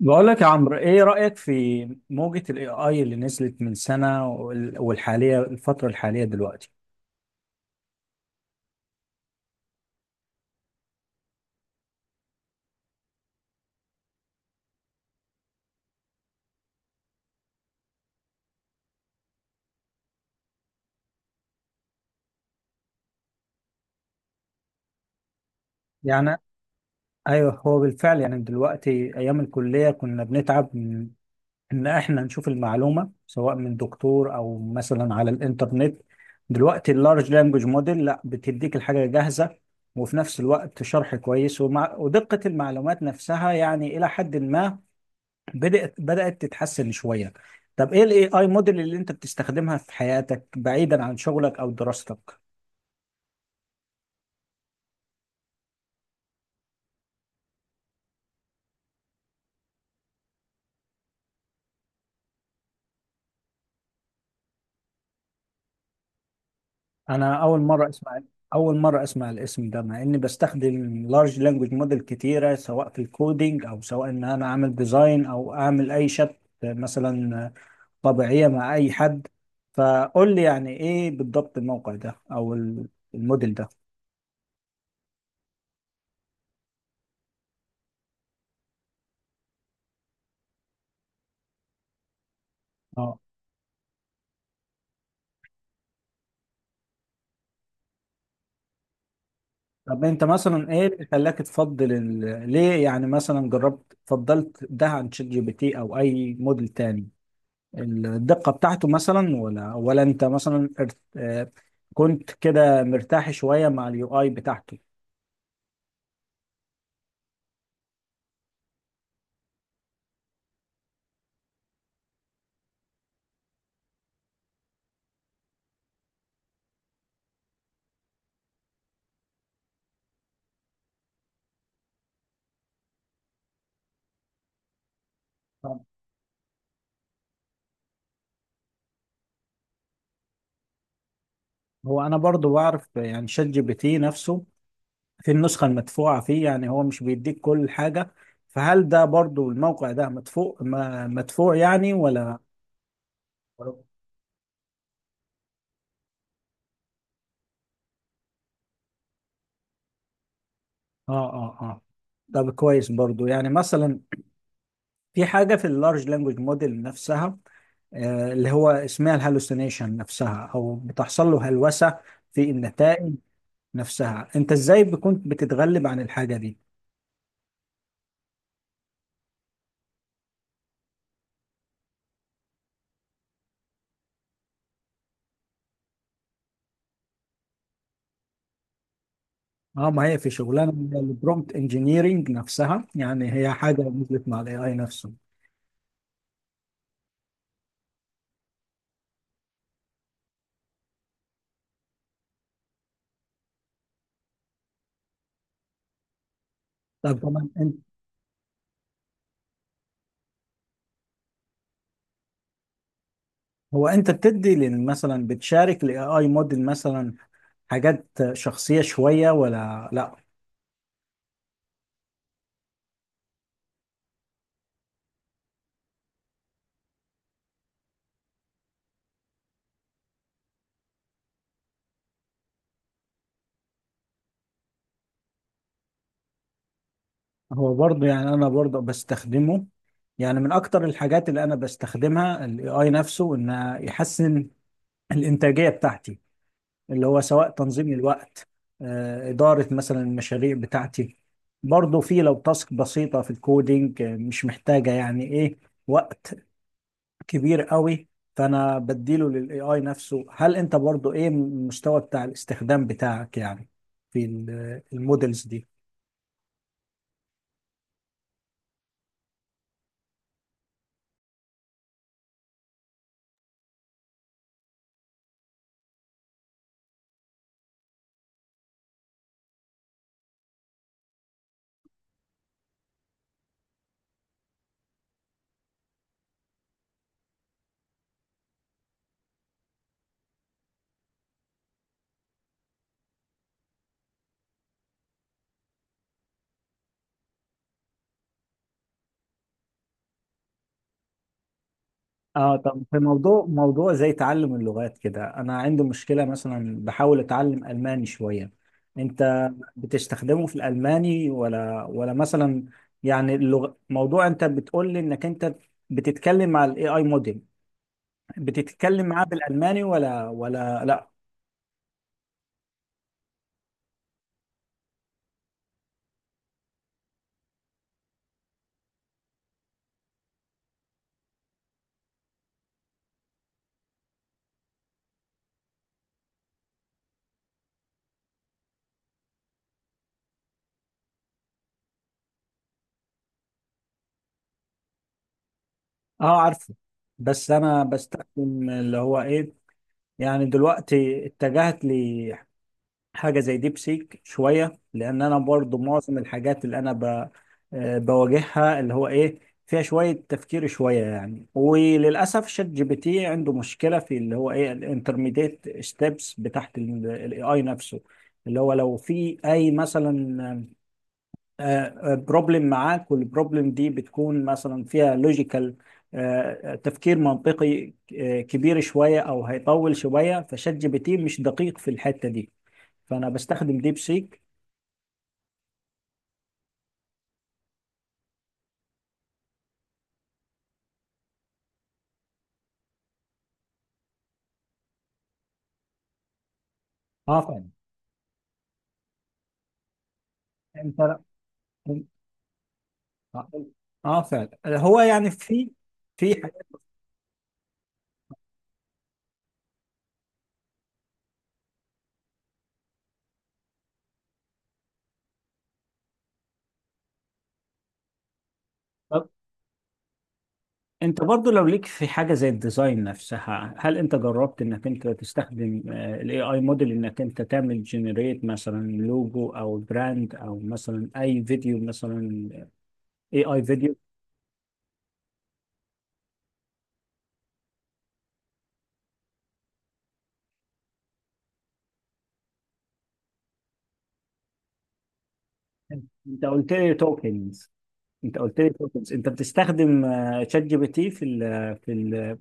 بقول لك يا عمرو، ايه رأيك في موجة الاي اي اللي نزلت من سنة الفترة الحالية دلوقتي؟ يعني ايوه، هو بالفعل يعني دلوقتي ايام الكلية كنا بنتعب من ان احنا نشوف المعلومة سواء من دكتور او مثلا على الانترنت. دلوقتي اللارج لانجوج موديل لا بتديك الحاجة جاهزة وفي نفس الوقت شرح كويس ومع ودقة المعلومات نفسها، يعني الى حد ما بدأت تتحسن شوية. طب ايه الاي اي موديل اللي انت بتستخدمها في حياتك بعيدا عن شغلك او دراستك؟ انا اول مرة اسمع، اول مرة اسمع الاسم ده مع اني بستخدم لارج لانجوج موديل كتيرة سواء في الكودينج او سواء ان انا اعمل ديزاين او اعمل اي شات مثلا طبيعية مع اي حد. فقول لي يعني ايه بالضبط الموقع ده او الموديل ده. طب انت مثلا ايه اللي خلاك تفضل ليه يعني مثلا جربت فضلت ده عن شات جي بي تي او اي موديل تاني؟ الدقة بتاعته مثلا ولا انت مثلا ارت... آه، كنت كده مرتاح شوية مع اليو اي بتاعته؟ طب هو انا برضو بعرف يعني شات جي بي تي نفسه في النسخة المدفوعة فيه، يعني هو مش بيديك كل حاجة، فهل ده برضو الموقع ده مدفوع مدفوع يعني ولا؟ اه اه اه. طب كويس برضو. يعني مثلا في حاجة في اللارج لانجوج موديل نفسها اللي هو اسمها الهالوسينيشن نفسها او بتحصل له هلوسة في النتائج نفسها، انت ازاي كنت بتتغلب عن الحاجة دي؟ اه، ما هي في شغلانة من البرومبت انجينيرينج نفسها، يعني هي حاجة نزلت مع الاي اي نفسه. طب طبعا انت هو انت بتدي مثلا بتشارك الاي اي موديل مثلا حاجات شخصية شوية ولا لا؟ هو برضه يعني انا برضه بستخدمه، يعني من اكتر الحاجات اللي انا بستخدمها الاي اي نفسه ان يحسن الانتاجيه بتاعتي، اللي هو سواء تنظيم الوقت، اداره مثلا المشاريع بتاعتي، برضه في لو تاسك بسيطه في الكودينج مش محتاجه يعني ايه وقت كبير قوي، فانا بديله للاي اي نفسه. هل انت برضه ايه المستوى بتاع الاستخدام بتاعك يعني في المودلز دي؟ اه، طب في موضوع زي تعلم اللغات كده انا عندي مشكلة، مثلا بحاول اتعلم الماني شوية، انت بتستخدمه في الالماني ولا مثلا؟ يعني اللغة موضوع انت بتقول لي انك انت بتتكلم مع الاي اي موديل، بتتكلم معاه بالالماني ولا لا؟ اه عارفه، بس انا بستخدم اللي هو ايه، يعني دلوقتي اتجهت حاجة زي ديب سيك شوية، لأن أنا برضو معظم الحاجات اللي أنا ب... آه، بواجهها اللي هو إيه فيها شوية تفكير شوية، يعني وللأسف شات جي بي تي عنده مشكلة في اللي هو إيه الانترميديت ستيبس بتاعت الاي آي نفسه، اللي هو لو في أي مثلا بروبلم معاك والبروبلم دي بتكون مثلا فيها لوجيكال تفكير منطقي كبير شوية أو هيطول شوية، فشات جي بي تي مش دقيق في الحتة دي، فانا بستخدم ديب سيك. اه فعلا. انت اه. آه فعلا، هو يعني في في طب انت برضو لو ليك في حاجه زي الديزاين نفسها، هل انت جربت انك انت تستخدم الاي اي موديل انك انت تعمل جنريت مثلا لوجو او براند او مثلا اي فيديو مثلا، اي اي فيديو؟ انت قلت لي توكنز، انت قلت لي توكنز، انت بتستخدم شات جي بي تي في ال في ال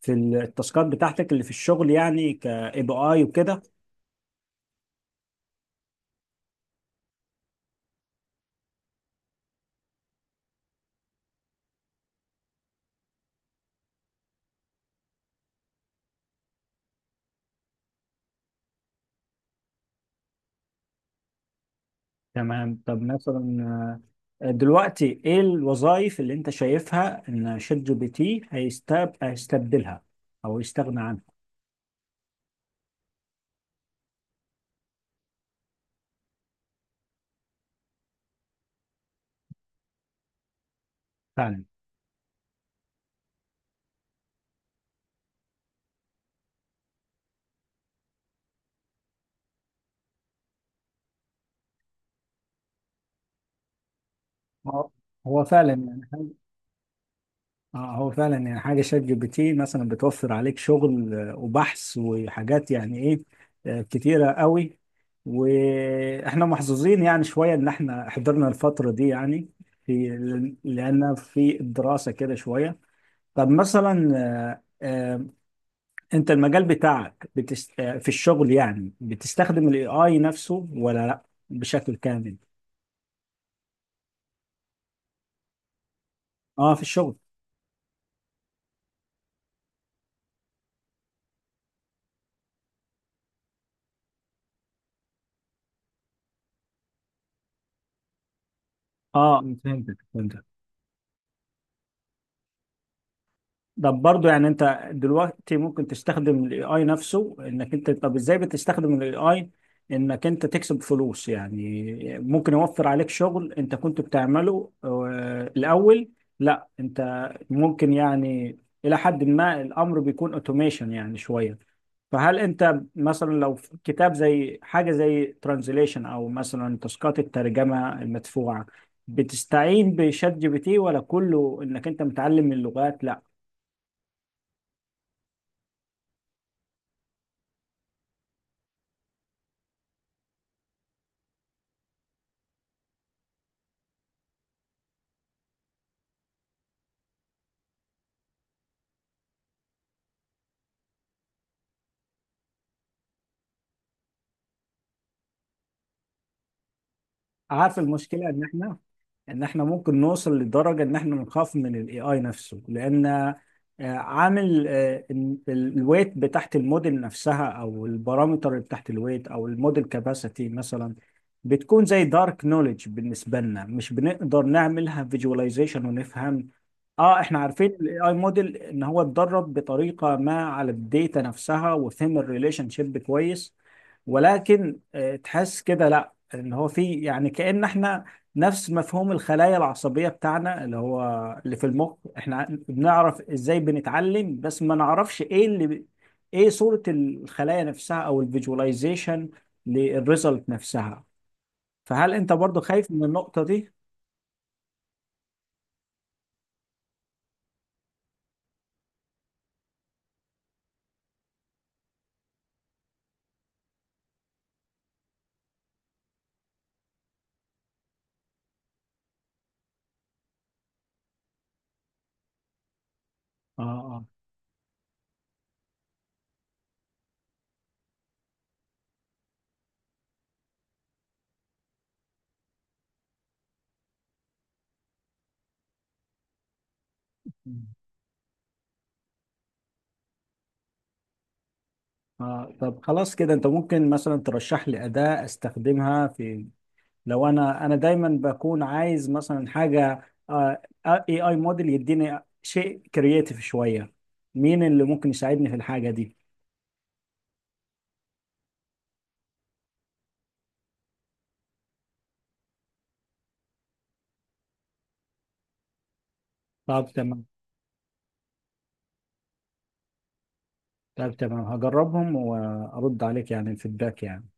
في التاسكات بتاعتك اللي في الشغل، يعني كاي بي اي وكده؟ تمام. طب مثلا دلوقتي ايه الوظائف اللي انت شايفها ان شات جي بي تي هيستبدلها او يستغنى عنها؟ فعلا. هو فعلا يعني حاجة هو فعلا يعني حاجة شات جي بي تي مثلا بتوفر عليك شغل وبحث وحاجات يعني ايه كتيرة قوي. واحنا محظوظين يعني شوية ان احنا حضرنا الفترة دي يعني، في، لأن في الدراسة كده شوية. طب مثلا انت المجال بتاعك في الشغل يعني بتستخدم الاي اي نفسه ولا لا بشكل كامل؟ اه في الشغل. اه فهمتك فهمتك. ده برضه يعني انت دلوقتي ممكن تستخدم الاي اي نفسه انك انت، طب ازاي بتستخدم الاي اي انك انت تكسب فلوس يعني؟ ممكن يوفر عليك شغل انت كنت بتعمله الاول، لا انت ممكن يعني الى حد ما الامر بيكون اوتوميشن يعني شوية، فهل انت مثلا لو في كتاب زي حاجة زي ترانزليشن او مثلا تاسكات الترجمة المدفوعة بتستعين بشات جي بي تي ولا كله انك انت متعلم اللغات؟ لا، عارف المشكله ان احنا، ممكن نوصل لدرجة ان احنا نخاف من الاي اي نفسه، لان عامل الويت بتاعت الموديل نفسها او البارامتر اللي بتاعت الويت او الموديل كاباسيتي مثلا بتكون زي دارك نوليدج بالنسبة لنا، مش بنقدر نعملها فيجواليزيشن ونفهم. اه احنا عارفين الاي اي موديل ان هو اتدرب بطريقة ما على الداتا نفسها وفهم الريليشن شيب كويس، ولكن تحس كده لا ان هو في يعني كأن احنا نفس مفهوم الخلايا العصبية بتاعنا اللي هو اللي في المخ، احنا بنعرف ازاي بنتعلم بس ما نعرفش ايه اللي ايه صورة الخلايا نفسها او الفيجواليزيشن للريزلت نفسها. فهل انت برضو خايف من النقطة دي؟ اه اه اه. طب خلاص كده انت ممكن مثلا ترشح لي أداة استخدمها في، لو انا دايما بكون عايز مثلا حاجه اي اي موديل يديني شيء كرييتيف شويه، مين اللي ممكن يساعدني في الحاجه دي؟ طب تمام. طب تمام، هجربهم وارد عليك يعني الفيدباك يعني.